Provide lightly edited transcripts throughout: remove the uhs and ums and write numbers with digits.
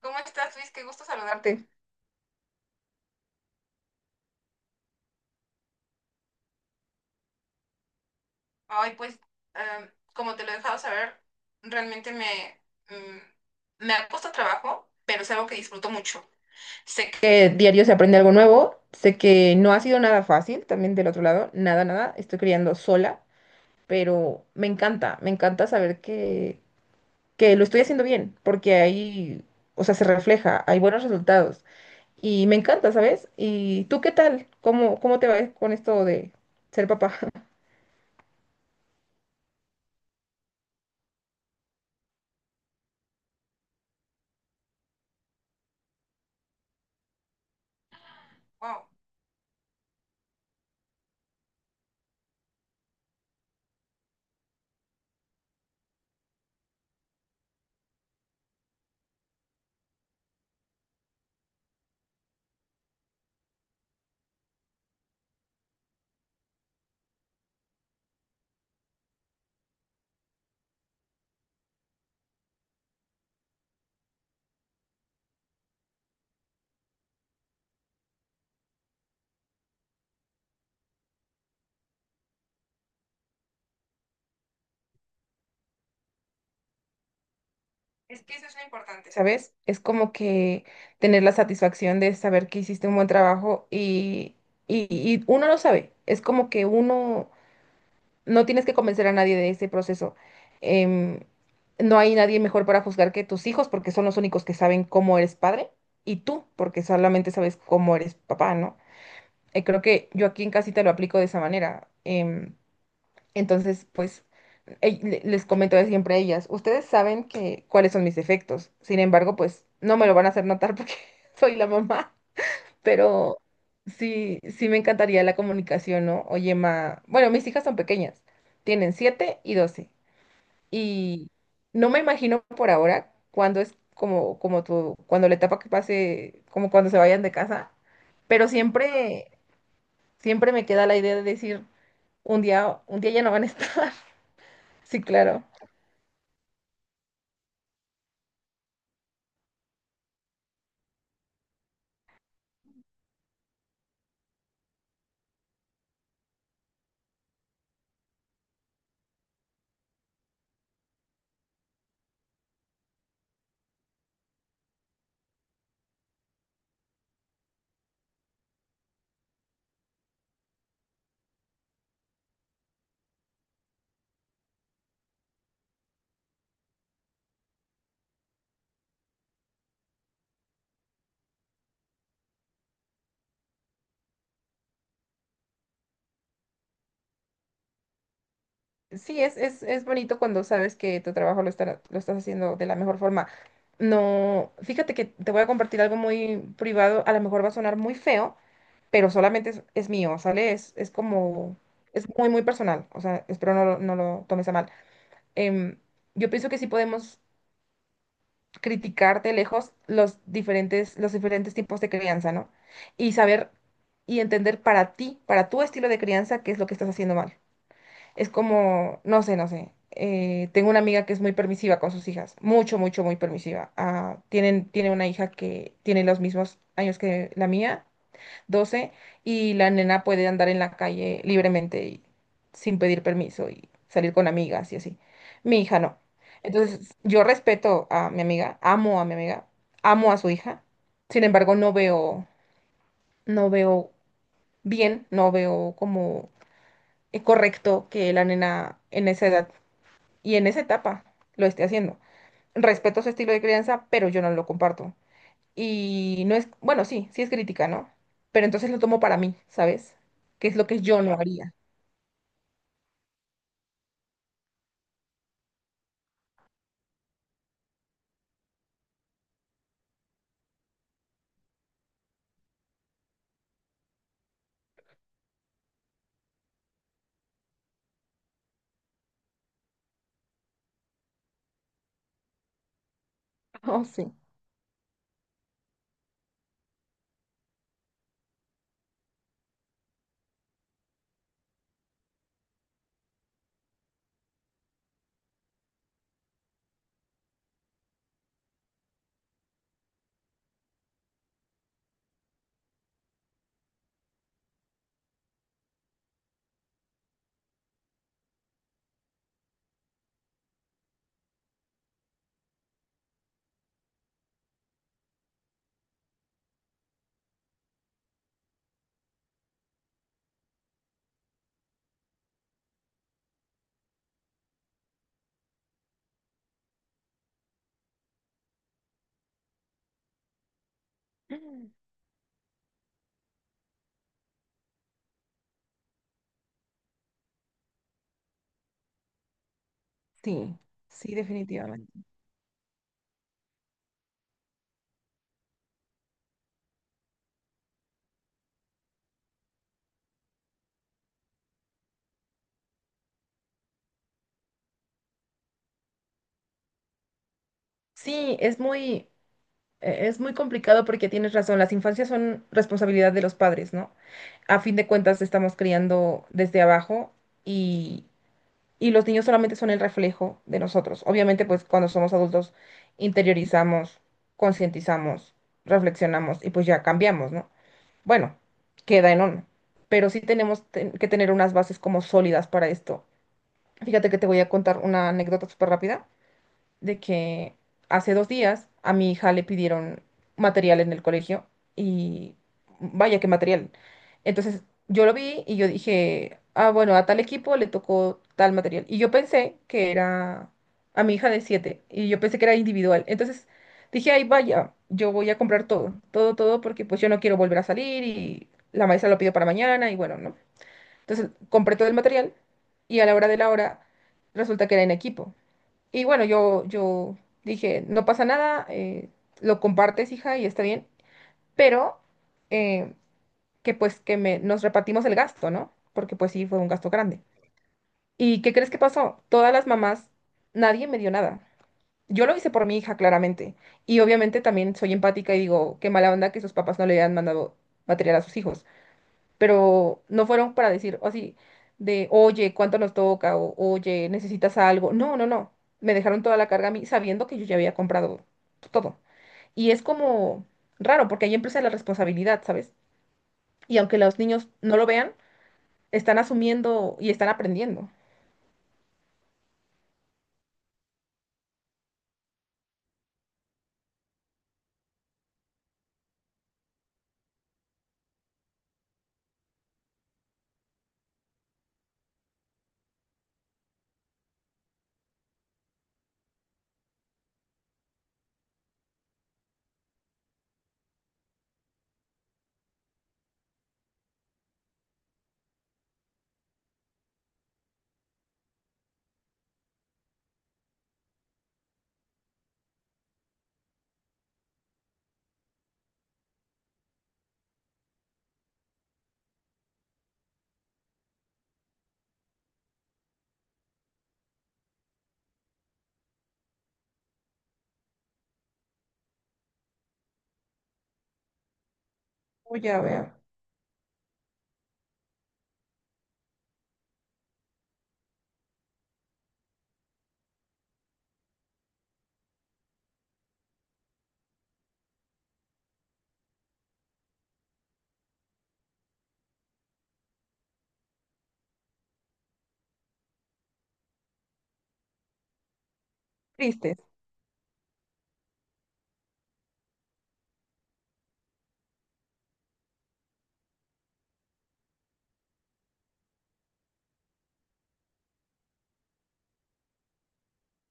¿Cómo estás, Luis? Qué gusto saludarte. Ay, pues, como te lo he dejado saber, realmente me ha costado trabajo, pero es algo que disfruto mucho. Sé que diario se aprende algo nuevo, sé que no ha sido nada fácil, también del otro lado, nada, nada, estoy criando sola, pero me encanta saber que lo estoy haciendo bien, porque ahí, o sea, se refleja, hay buenos resultados y me encanta, ¿sabes? ¿Y tú qué tal? ¿Cómo te va con esto de ser papá? Wow. Es que eso es lo importante, ¿sabes? Es como que tener la satisfacción de saber que hiciste un buen trabajo y uno lo sabe. Es como que uno no tienes que convencer a nadie de ese proceso. Em, no hay nadie mejor para juzgar que tus hijos porque son los únicos que saben cómo eres padre y tú porque solamente sabes cómo eres papá, ¿no? Creo que yo aquí en casita lo aplico de esa manera. Entonces, pues, les comento de siempre a ellas, ustedes saben que cuáles son mis defectos. Sin embargo, pues no me lo van a hacer notar porque soy la mamá, pero sí me encantaría la comunicación, ¿no? Oye, ma, bueno, mis hijas son pequeñas, tienen 7 y 12. Y no me imagino por ahora cuándo es como tu cuando la etapa que pase, como cuando se vayan de casa, pero siempre me queda la idea de decir, un día ya no van a estar. Sí, claro. Sí, es bonito cuando sabes que tu trabajo lo estás haciendo de la mejor forma. No, fíjate que te voy a compartir algo muy privado, a lo mejor va a sonar muy feo, pero solamente es mío, ¿sale? Es como, es muy, muy personal, o sea, espero no lo tomes a mal. Em, yo pienso que sí podemos criticar de lejos los diferentes tipos de crianza, ¿no? Y saber y entender para ti, para tu estilo de crianza, qué es lo que estás haciendo mal. Es como, no sé, no sé. Tengo una amiga que es muy permisiva con sus hijas, mucho, mucho, muy permisiva. Ah, tiene una hija que tiene los mismos años que la mía, 12, y la nena puede andar en la calle libremente y sin pedir permiso y salir con amigas y así. Mi hija no. Entonces, yo respeto a mi amiga, amo a mi amiga, amo a su hija. Sin embargo, no veo bien, no veo como correcto que la nena en esa edad y en esa etapa lo esté haciendo. Respeto su estilo de crianza, pero yo no lo comparto. Y no es, bueno, sí, sí es crítica, ¿no? Pero entonces lo tomo para mí, ¿sabes? Que es lo que yo no haría. Oh, sí. Sí, sí, definitivamente. Sí, es muy complicado porque tienes razón, las infancias son responsabilidad de los padres, ¿no? A fin de cuentas estamos criando desde abajo y, y los niños solamente son el reflejo de nosotros. Obviamente, pues cuando somos adultos interiorizamos, concientizamos, reflexionamos y pues ya cambiamos, ¿no? Bueno, queda en uno, pero sí que tener unas bases como sólidas para esto. Fíjate que te voy a contar una anécdota súper rápida de que hace 2 días a mi hija le pidieron material en el colegio y vaya qué material. Entonces yo lo vi y yo dije, ah, bueno, a tal equipo le tocó tal material. Y yo pensé que era a mi hija de 7 y yo pensé que era individual. Entonces dije, ay, vaya, yo voy a comprar todo, todo, todo, porque pues yo no quiero volver a salir y la maestra lo pidió para mañana y bueno, ¿no? Entonces compré todo el material y a la hora de la hora resulta que era en equipo. Y bueno, yo dije, no pasa nada, lo compartes, hija, y está bien, pero eh, que pues nos repartimos el gasto, ¿no? Porque pues sí, fue un gasto grande. ¿Y qué crees que pasó? Todas las mamás, nadie me dio nada. Yo lo hice por mi hija, claramente. Y obviamente también soy empática y digo, qué mala onda que sus papás no le hayan mandado material a sus hijos, pero no fueron para decir así de, oye, ¿cuánto nos toca? O, oye, ¿necesitas algo? No, no, no. Me dejaron toda la carga a mí sabiendo que yo ya había comprado todo. Y es como raro, porque ahí empieza la responsabilidad, ¿sabes? Y aunque los niños no lo vean, están asumiendo y están aprendiendo. Oh, ya veo. Tristes.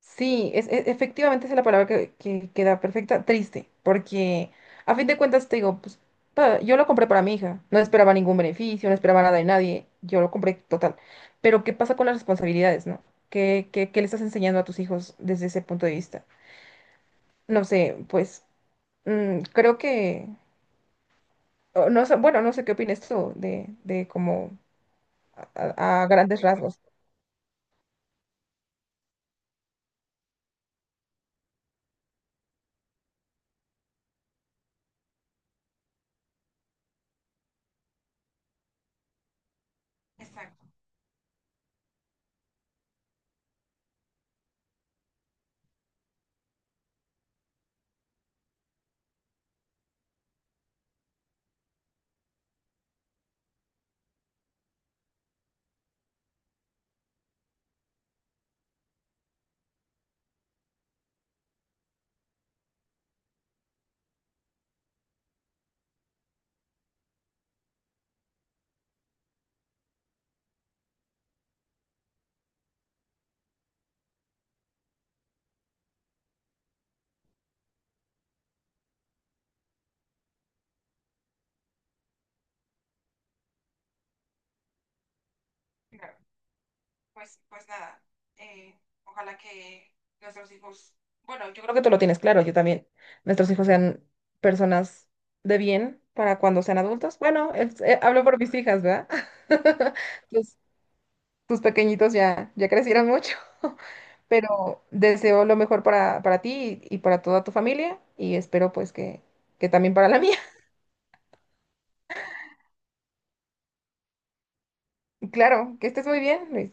Sí, es, efectivamente esa es la palabra que queda perfecta, triste, porque a fin de cuentas te digo, pues yo lo compré para mi hija, no esperaba ningún beneficio, no esperaba nada de nadie, yo lo compré total. Pero ¿qué pasa con las responsabilidades, no? ¿Qué le estás enseñando a tus hijos desde ese punto de vista? No sé, pues creo que, o no sé, bueno, no sé qué opinas tú de como a grandes rasgos. Pues, pues nada, eh, ojalá que nuestros hijos, bueno, yo creo que tú lo tienes claro, yo también, nuestros hijos sean personas de bien para cuando sean adultos. Bueno, hablo por mis hijas, ¿verdad? Tus, tus pequeñitos ya crecieron mucho, pero deseo lo mejor para ti y para toda tu familia y espero pues que también para la mía. Claro, que estés muy bien, Luis.